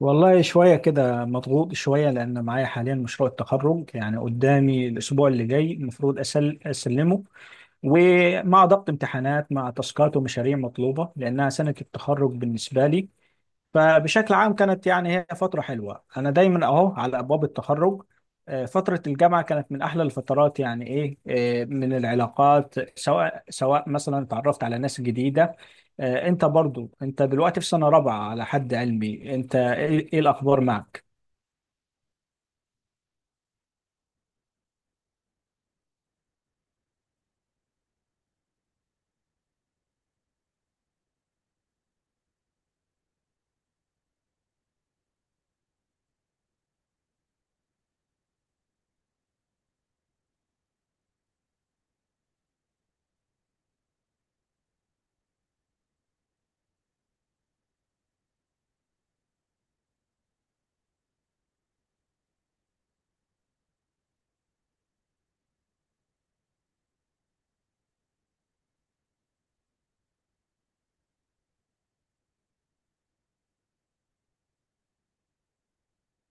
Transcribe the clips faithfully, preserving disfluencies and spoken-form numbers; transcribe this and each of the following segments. والله شوية كده مضغوط شوية لأن معايا حاليا مشروع التخرج، يعني قدامي الأسبوع اللي جاي المفروض أسل أسلمه. ومع ضغط امتحانات مع تاسكات ومشاريع مطلوبة لأنها سنة التخرج بالنسبة لي. فبشكل عام كانت يعني هي فترة حلوة. أنا دايما أهو على أبواب التخرج. آه، فترة الجامعة كانت من أحلى الفترات يعني إيه. آه، من العلاقات، سواء سواء مثلا تعرفت على ناس جديدة. آه، أنت برضو أنت دلوقتي في سنة رابعة على حد علمي، أنت إيه إيه الأخبار معك؟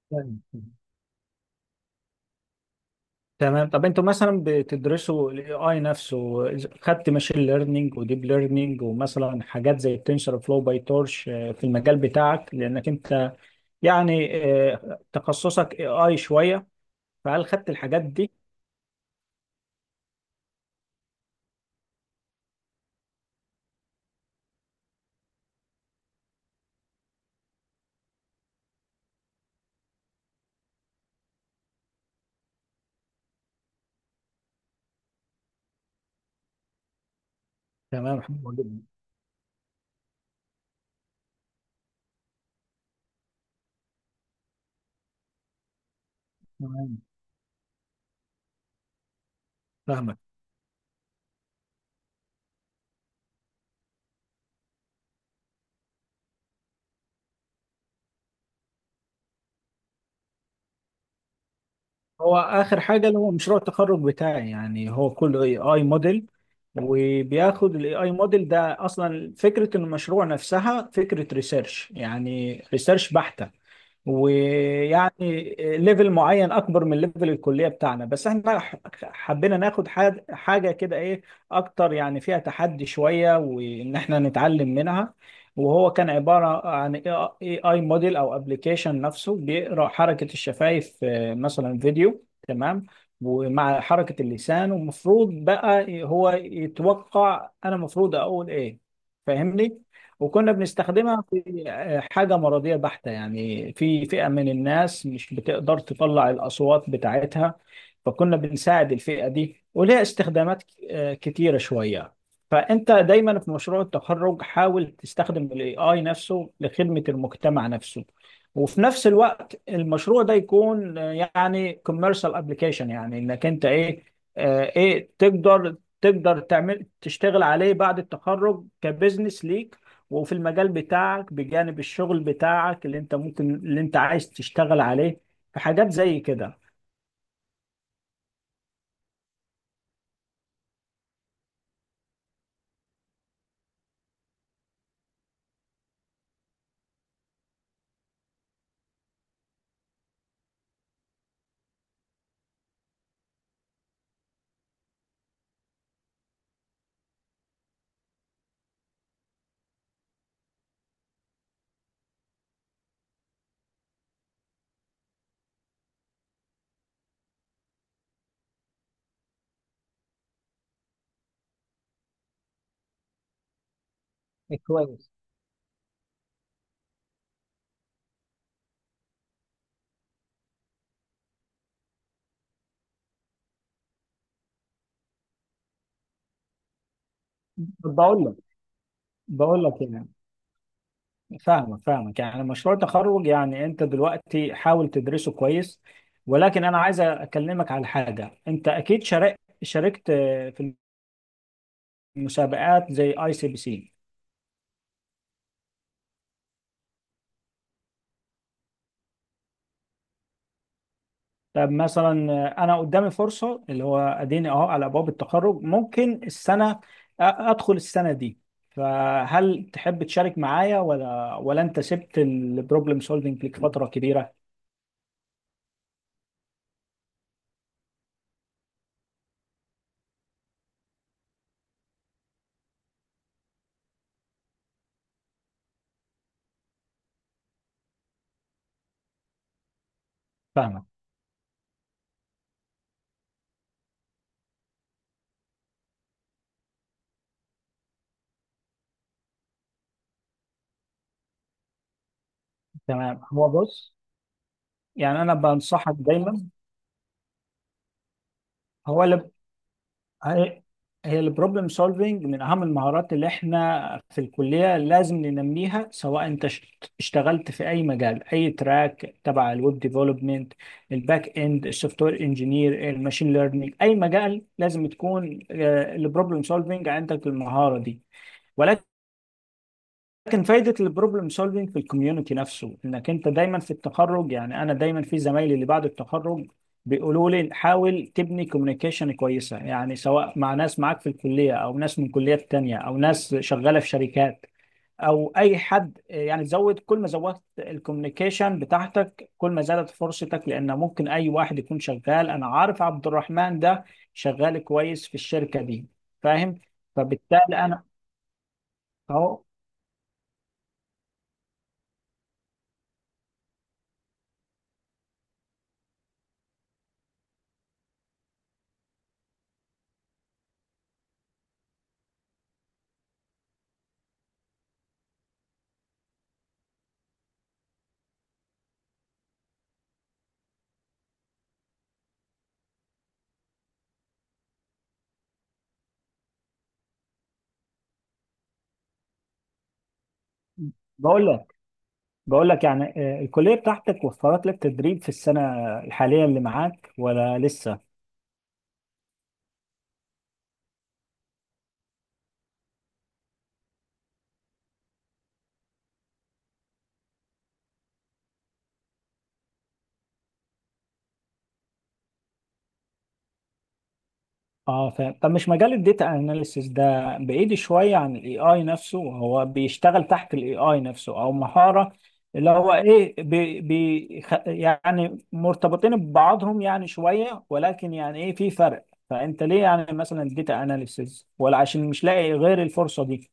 تمام. تمام، طب أنتوا مثلا بتدرسوا ال إيه آي نفسه؟ خدت ماشين ليرنينج وديب ليرنينج ومثلا حاجات زي التنسر فلو باي تورش في المجال بتاعك؟ لأنك أنت يعني آه، تخصصك اي اي شويه، فهل خدت الحاجات دي؟ تمام، حلو جدا. تمام، فاهمك. هو اخر حاجه اللي هو مشروع التخرج بتاعي، يعني هو كله اي اي موديل. وبياخد الاي اي موديل ده، اصلا فكره المشروع نفسها فكره ريسيرش، يعني ريسيرش بحته. ويعني ليفل معين اكبر من ليفل الكليه بتاعنا، بس احنا ح- حبينا ناخد حاج- حاجه كده ايه اكتر، يعني فيها تحدي شويه وان احنا نتعلم منها. وهو كان عباره عن اي اي موديل او ابلكيشن نفسه بيقرا حركه الشفايف مثلا، فيديو، تمام؟ ومع حركة اللسان، ومفروض بقى هو يتوقع انا المفروض اقول ايه، فاهمني؟ وكنا بنستخدمها في آه، حاجة مرضية بحتة، يعني في فئة من الناس مش بتقدر تطلع الأصوات بتاعتها. فكنا بنساعد الفئة دي، ولها استخدامات آه، كتيرة شوية. فأنت دايما في مشروع التخرج حاول تستخدم ال A I نفسه لخدمة المجتمع نفسه، وفي نفس الوقت المشروع ده يكون آه، يعني كوميرشال ابلكيشن، يعني انك انت ايه، آه، ايه تقدر تقدر تعمل تشتغل عليه بعد التخرج كبزنس ليك. وفي المجال بتاعك بجانب الشغل بتاعك اللي انت ممكن اللي انت عايز تشتغل عليه في حاجات زي كده. كويس. طب بقول لك، بقول لك يعني، فاهمك فاهمك. يعني مشروع تخرج، يعني انت دلوقتي حاول تدرسه كويس، ولكن انا عايز اكلمك على حاجه. انت اكيد شارك شاركت في مسابقات زي اي سي بي سي. طب مثلا آه، انا قدامي فرصه اللي هو اديني اهو على ابواب التخرج، ممكن السنه أ- ادخل السنه دي، فهل تحب تشارك معايا؟ ولا ولا انت سبت البروبلم سولفنج لك فتره كبيره؟ فاهمك. تمام، هو بص، يعني انا بنصحك دايما. هو اللي هي هي البروبلم سولفنج من اهم المهارات اللي احنا في الكليه لازم ننميها. سواء انت اشت- اشتغلت في اي مجال، اي تراك، تبع الويب ديفلوبمنت، الباك اند، السوفت وير انجينير، الماشين ليرنينج، اي مجال لازم تكون البروبلم سولفنج عندك، المهاره دي. لكن فايدة البروبلم سولفينج في الكوميونتي نفسه، انك انت دايما في التخرج، يعني انا دايما في زمايلي اللي بعد التخرج بيقولوا لي حاول تبني كوميونيكيشن كويسة، يعني سواء مع ناس معاك في الكلية او ناس من كليات تانية او ناس شغالة في شركات او اي حد، يعني زود. كل ما زودت الكوميونيكيشن بتاعتك كل ما زادت فرصتك، لان ممكن اي واحد يكون شغال، انا عارف عبد الرحمن ده شغال كويس في الشركة دي، فاهم؟ فبالتالي انا اهو. بقول لك، بقول لك يعني، آه، الكلية بتاعتك وفرت لك تدريب في السنة الحالية اللي معاك ولا لسه؟ اه فاهم. طب مش مجال الداتا اناليسيس ده بعيد شوية عن الاي اي نفسه؟ هو بيشتغل تحت الاي اي نفسه او مهارة اللي هو ايه، بي بي خ- يعني مرتبطين ببعضهم يعني شوية، ولكن يعني ايه في فرق. فانت ليه يعني مثلا الداتا اناليسيس؟ ولا عشان مش لاقي غير الفرصة دي؟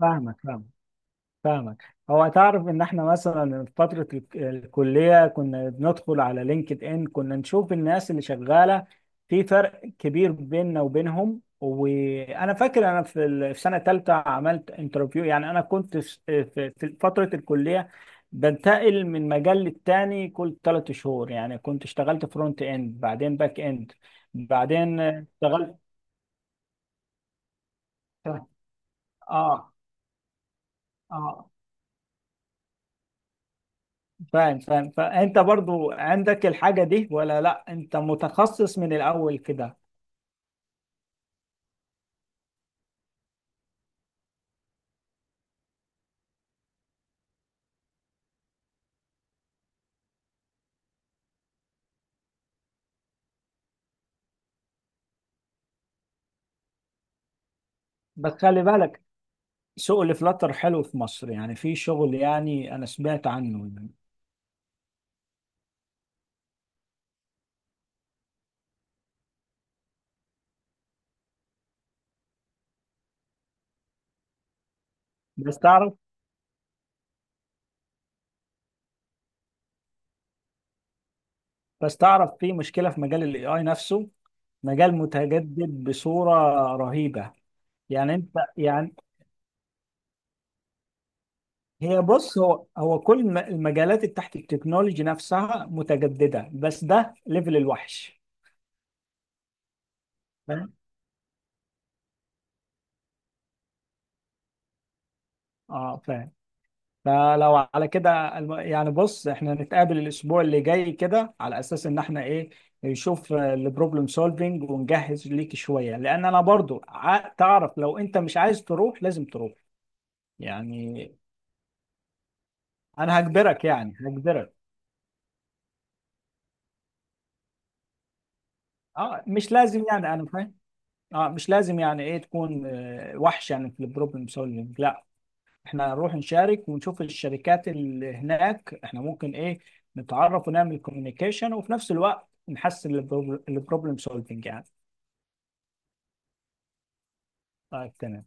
فاهمك فاهمك فاهمك. هو تعرف ان احنا مثلا في فترة الك- الكلية كنا بندخل على لينكد ان، كنا نشوف الناس اللي شغالة، في فرق كبير بيننا وبينهم. وانا فاكر انا في ال- في سنة تالتة عملت انترفيو. يعني انا كنت في في- في فترة الكلية بنتقل من مجال للتاني كل ثلاث شهور، يعني كنت اشتغلت فرونت اند بعدين باك اند بعدين اشتغلت، اه. اه فاهم فاهم. فانت برضو عندك الحاجة دي ولا لا انت متخصص من الاول كده؟ بس خلي بالك، شغل فلاتر حلو في مصر، يعني في شغل، يعني انا سمعت عنه يعني. بس تعرف، بس تعرف في مشكلة في مجال الاي اي نفسه، مجال متجدد بصورة رهيبة. يعني انت يعني، هي بص، هو هو كل الم- المجالات اللي تحت التكنولوجي نفسها متجددة، بس ده ليفل الوحش، فاهم؟ اه فاهم. فلو على كده الم- يعني بص، احنا نتقابل الاسبوع اللي جاي كده على اساس ان احنا ايه، نشوف البروبلم سولفينج ونجهز ليك شوية. لان انا برضو ع- تعرف، لو انت مش عايز تروح لازم تروح يعني، انا هجبرك يعني هجبرك. اه مش لازم يعني، انا فاهم. اه مش لازم يعني ايه تكون آه، وحش يعني في البروبلم سولفينج، لا. احنا هنروح نشارك ونشوف الشركات اللي هناك، احنا ممكن ايه نتعرف ونعمل كوميونيكيشن، وفي نفس الوقت نحسن البروبلم سولفنج يعني. طيب تمام.